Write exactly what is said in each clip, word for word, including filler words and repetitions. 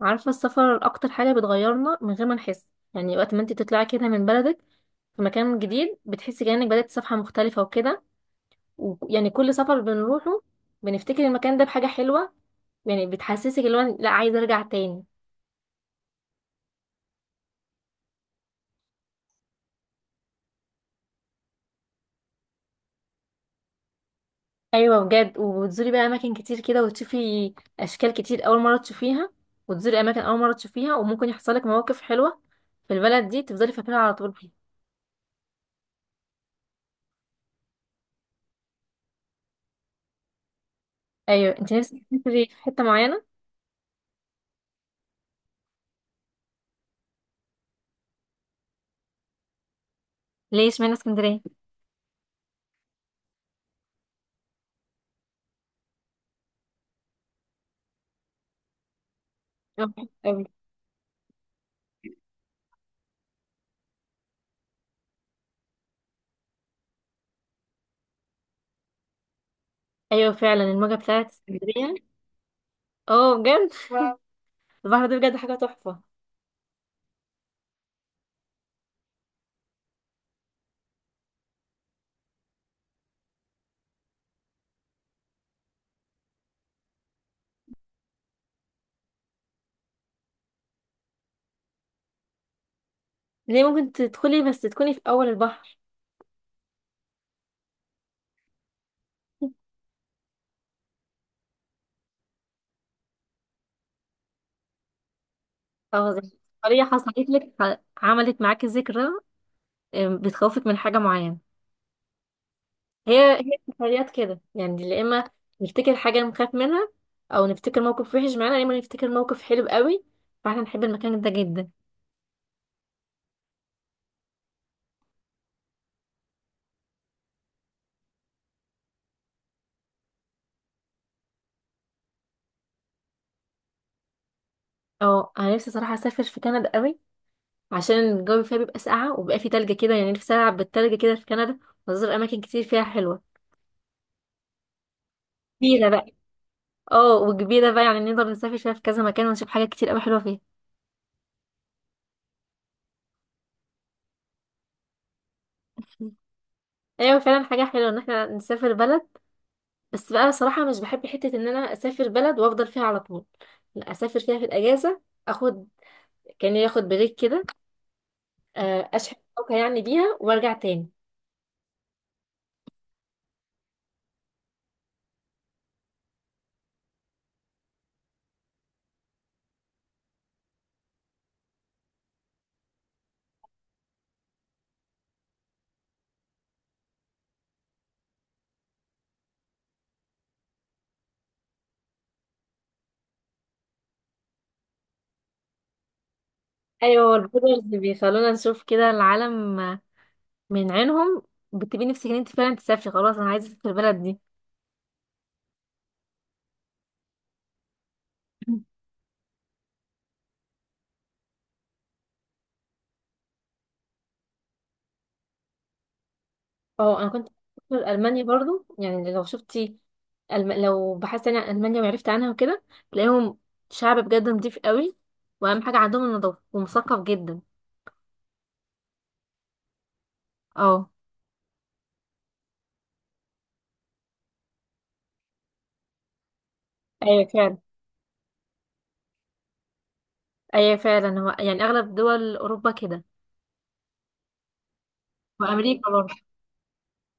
عارفة السفر أكتر حاجة بتغيرنا من غير ما نحس. يعني وقت ما انت تطلعي كده من بلدك في مكان جديد بتحسي كأنك بدأت صفحة مختلفة وكده. ويعني كل سفر بنروحه بنفتكر المكان ده بحاجة حلوة. يعني بتحسسك اللي هو لا عايزة أرجع تاني. أيوة بجد، وبتزوري بقى أماكن كتير كده وتشوفي أشكال كتير أول مرة تشوفيها، وتزوري أماكن أول مرة تشوفيها، وممكن يحصلك مواقف حلوة في البلد دي تفضلي فاكراها على طول فيها. أيوة، انت نفسك تسافري في حتة معينة؟ ليش اشمعنى اسكندرية؟ أوي. ايوه فعلا الموجة بتاعت اسكندرية. اه بجد واو، البحر ده بجد حاجة تحفة. ليه؟ ممكن تدخلي بس تكوني في اول البحر. او زي طريقة حصلت لك ح- عملت معاكي ذكرى، ام، بتخوفك من حاجة معينة. هي هي السفريات كده يعني، يا اما نفتكر حاجة نخاف منها او نفتكر موقف وحش معانا، يا اما نفتكر موقف حلو قوي فاحنا نحب المكان ده جدا. اه انا نفسي صراحة اسافر في كندا قوي، عشان الجو فيها بيبقى ساقعة وبيبقى فيه تلج كده، يعني نفسي العب بالتلج كده في كندا وازور اماكن كتير فيها حلوة. كبيرة بقى. اه وكبيرة بقى، يعني نقدر نسافر فيها في كذا مكان ونشوف حاجات كتير قوي حلوة فيها. ايوه فعلا حاجة حلوة ان احنا نسافر بلد. بس بقى صراحة مش بحب حتة ان انا اسافر بلد وافضل فيها على طول، لا اسافر فيها في الاجازة. اخد، كان ياخد بريك كده، آه، اشحن طاقة يعني بيها وارجع تاني. ايوه البلوجرز بيخلونا نشوف كده العالم من عينهم. بتبقي نفسك ان انت فعلا تسافري، خلاص انا عايزة اسافر البلد دي. اه انا كنت في المانيا برضو، يعني لو شفتي، الم... لو بحثت يعني عن المانيا وعرفت عنها وكده، تلاقيهم شعب بجد نضيف قوي، واهم حاجه عندهم النظافه، ومثقف جدا. اه. ايوه فعلا. ايوه فعلا، هو يعني اغلب دول اوروبا كده، وامريكا برضه،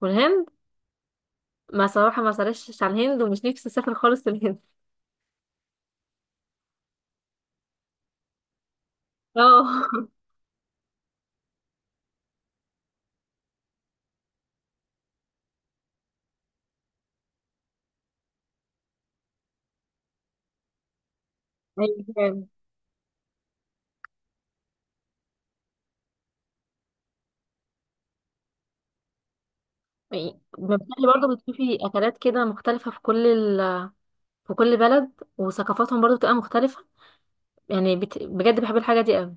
والهند. ما صراحه ما سرشتش على الهند ومش نفسي اسافر خالص الهند. اه. ايوه فعلا. يعني بالتالي برضه بتشوفي اكلات كده مختلفه في كل ال... في كل بلد، وثقافاتهم برضه بتبقى مختلفه، يعني بت... بجد بحب الحاجه دي قوي.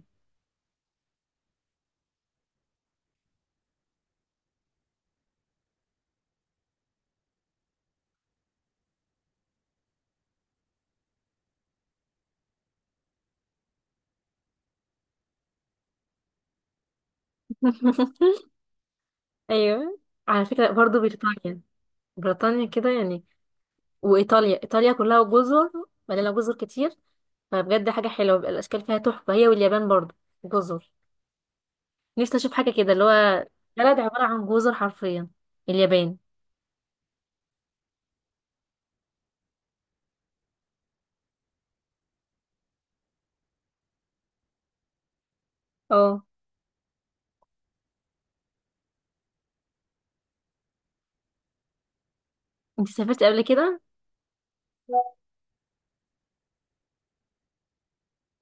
ايوه، على فكره برضو بريطانيا، بريطانيا كده يعني، وايطاليا، ايطاليا كلها جزر، مليانه جزر كتير، فبجد حاجه حلوه بيبقى الاشكال فيها تحفه، هي واليابان برضو جزر. نفسي اشوف حاجه كده اللي هو بلد عباره عن جزر حرفيا، اليابان. اه، انت سافرتي قبل كده؟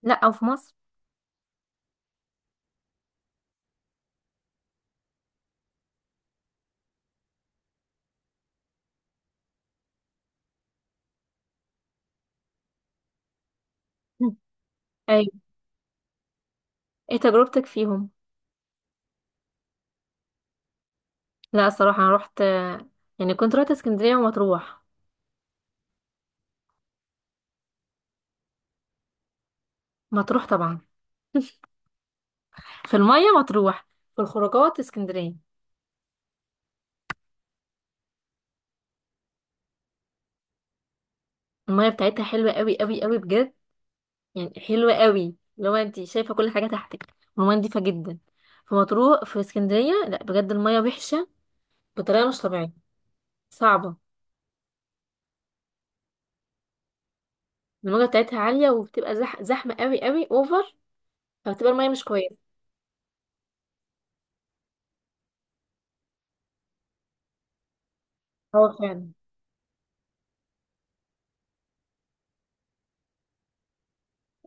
لا او في مصر؟ مم. ايوه. ايه تجربتك فيهم؟ لا الصراحه انا رحت، يعني كنت رحت اسكندريه ومطروح. مطروح طبعا. في الميه مطروح، في الخروجات اسكندريه. المية بتاعتها حلوة قوي قوي قوي بجد، يعني حلوة قوي لو انت شايفة كل حاجة تحتك، المية نضيفة جدا في مطروح. في اسكندرية لا بجد المية وحشة بطريقة مش طبيعية، صعبة. الموجة بتاعتها عالية وبتبقى زح... زحمة قوي قوي اوفر، فبتبقى المية مش كويسة. هو فعلا.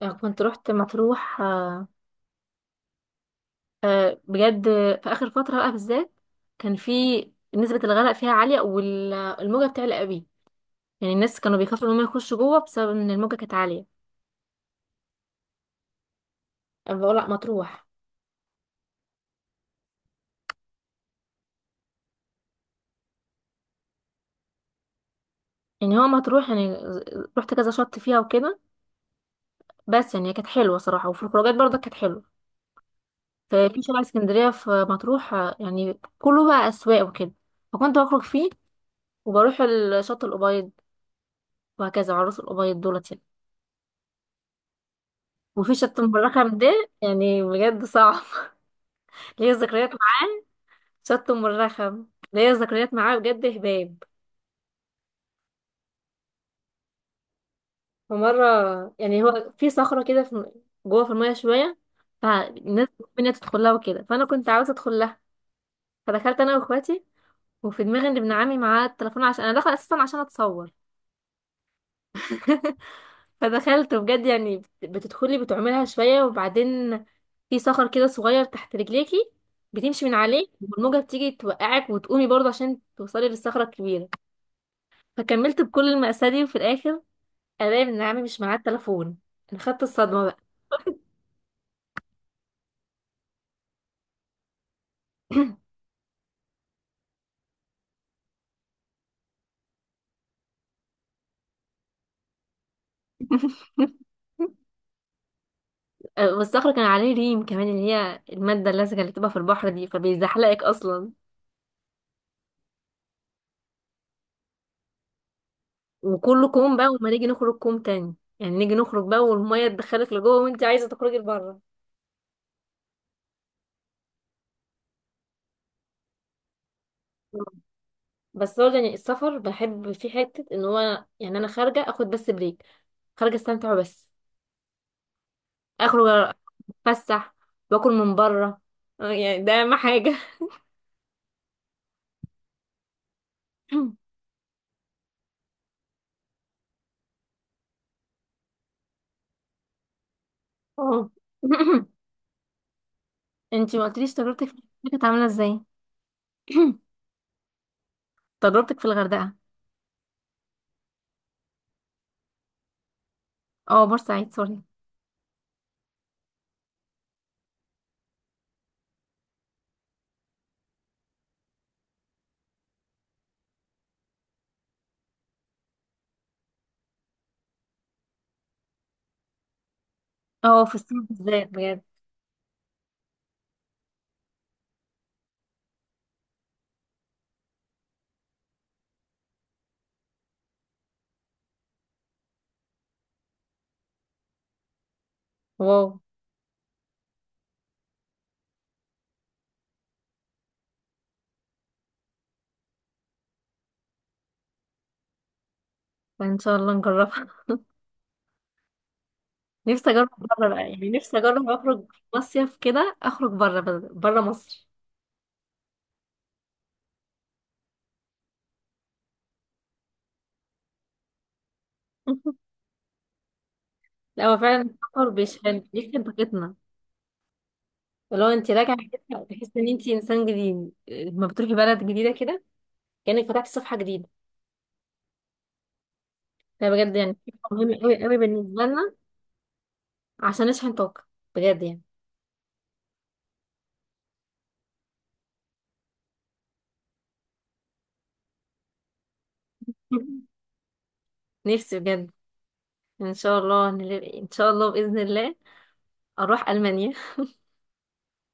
آه، كنت رحت مطروح، آه، آه، بجد، في آخر فترة بقى بالذات كان في نسبة الغرق فيها عالية والموجة بتعلى قوي، يعني الناس كانوا بيخافوا ان هم يخشوا جوه بسبب ان الموجة كانت عالية. أنا بقول لا مطروح. يعني هو مطروح، يعني رحت كذا شط فيها وكده، بس يعني كانت حلوه صراحه، وفي الخروجات برضه كانت حلوه. ففي شارع اسكندريه في مطروح، آه، يعني كله بقى اسواق وكده، فكنت بخرج فيه وبروح الشط الابيض، وهكذا عروس الابيض دولت يعني. وفي شط ام الرخم ده يعني بجد صعب. ليا ذكريات معاه، شط ام الرخم ليا ذكريات معاه بجد هباب. ومره، يعني هو في صخره كده في جوه في الميه شويه، فالناس بتحب إن هي تدخلها وكده، فانا كنت عاوزه ادخلها، فدخلت انا واخواتي، وفي دماغي ان ابن عمي معاه التليفون عشان انا داخله اساسا عشان اتصور. فدخلت بجد يعني، بت- بتدخلي بتعملها شويه وبعدين في صخر كده صغير تحت رجليكي، بتمشي من عليه والموجه بتيجي توقعك وتقومي برضه عشان توصلي للصخره الكبيره. فكملت بكل المأساة دي، وفي الاخر الاقي ابن عمي مش معاه التليفون. انا خدت الصدمه بقى. والصخره كان عليه ريم كمان، اللي هي الماده اللزجه اللي بتبقى في البحر دي، فبيزحلقك اصلا. وكله كوم بقى، وما نيجي نخرج كوم تاني، يعني نيجي نخرج بقى والمية تدخلك لجوه وانت عايزة تخرجي لبره. بس هو يعني السفر بحب في حتة ان هو، يعني انا خارجة اخد بس بريك، خارجة استمتع بس، اخرج، اتفسح، واكل من بره، آه، يعني ده اهم حاجة. اه. انتي ما قلتليش تجربتك في الغردقة كانت عاملة ازاي؟ تجربتك في الغردقة. اه بورسعيد، سوري. اه في الصيف بالذات بجد. واو. فان شاء الله نجرب، نفسي اجرب. بره بقى يعني، نفسي اجرب اخرج مصيف كده، اخرج بره، بره مصر. لا هو فعلا السفر بيشحن بيشحن طاقتنا. ولو انت راجعه كده تحس ان انت انسان جديد لما بتروحي بلد جديده كده، كانك فتحتي صفحه جديده. ده بجد يعني فكرة مهمه قوي قوي بالنسبه لنا، عشان نشحن طاقه بجد يعني. نفسي بجد. ان شاء الله نل- ان شاء الله باذن الله اروح المانيا.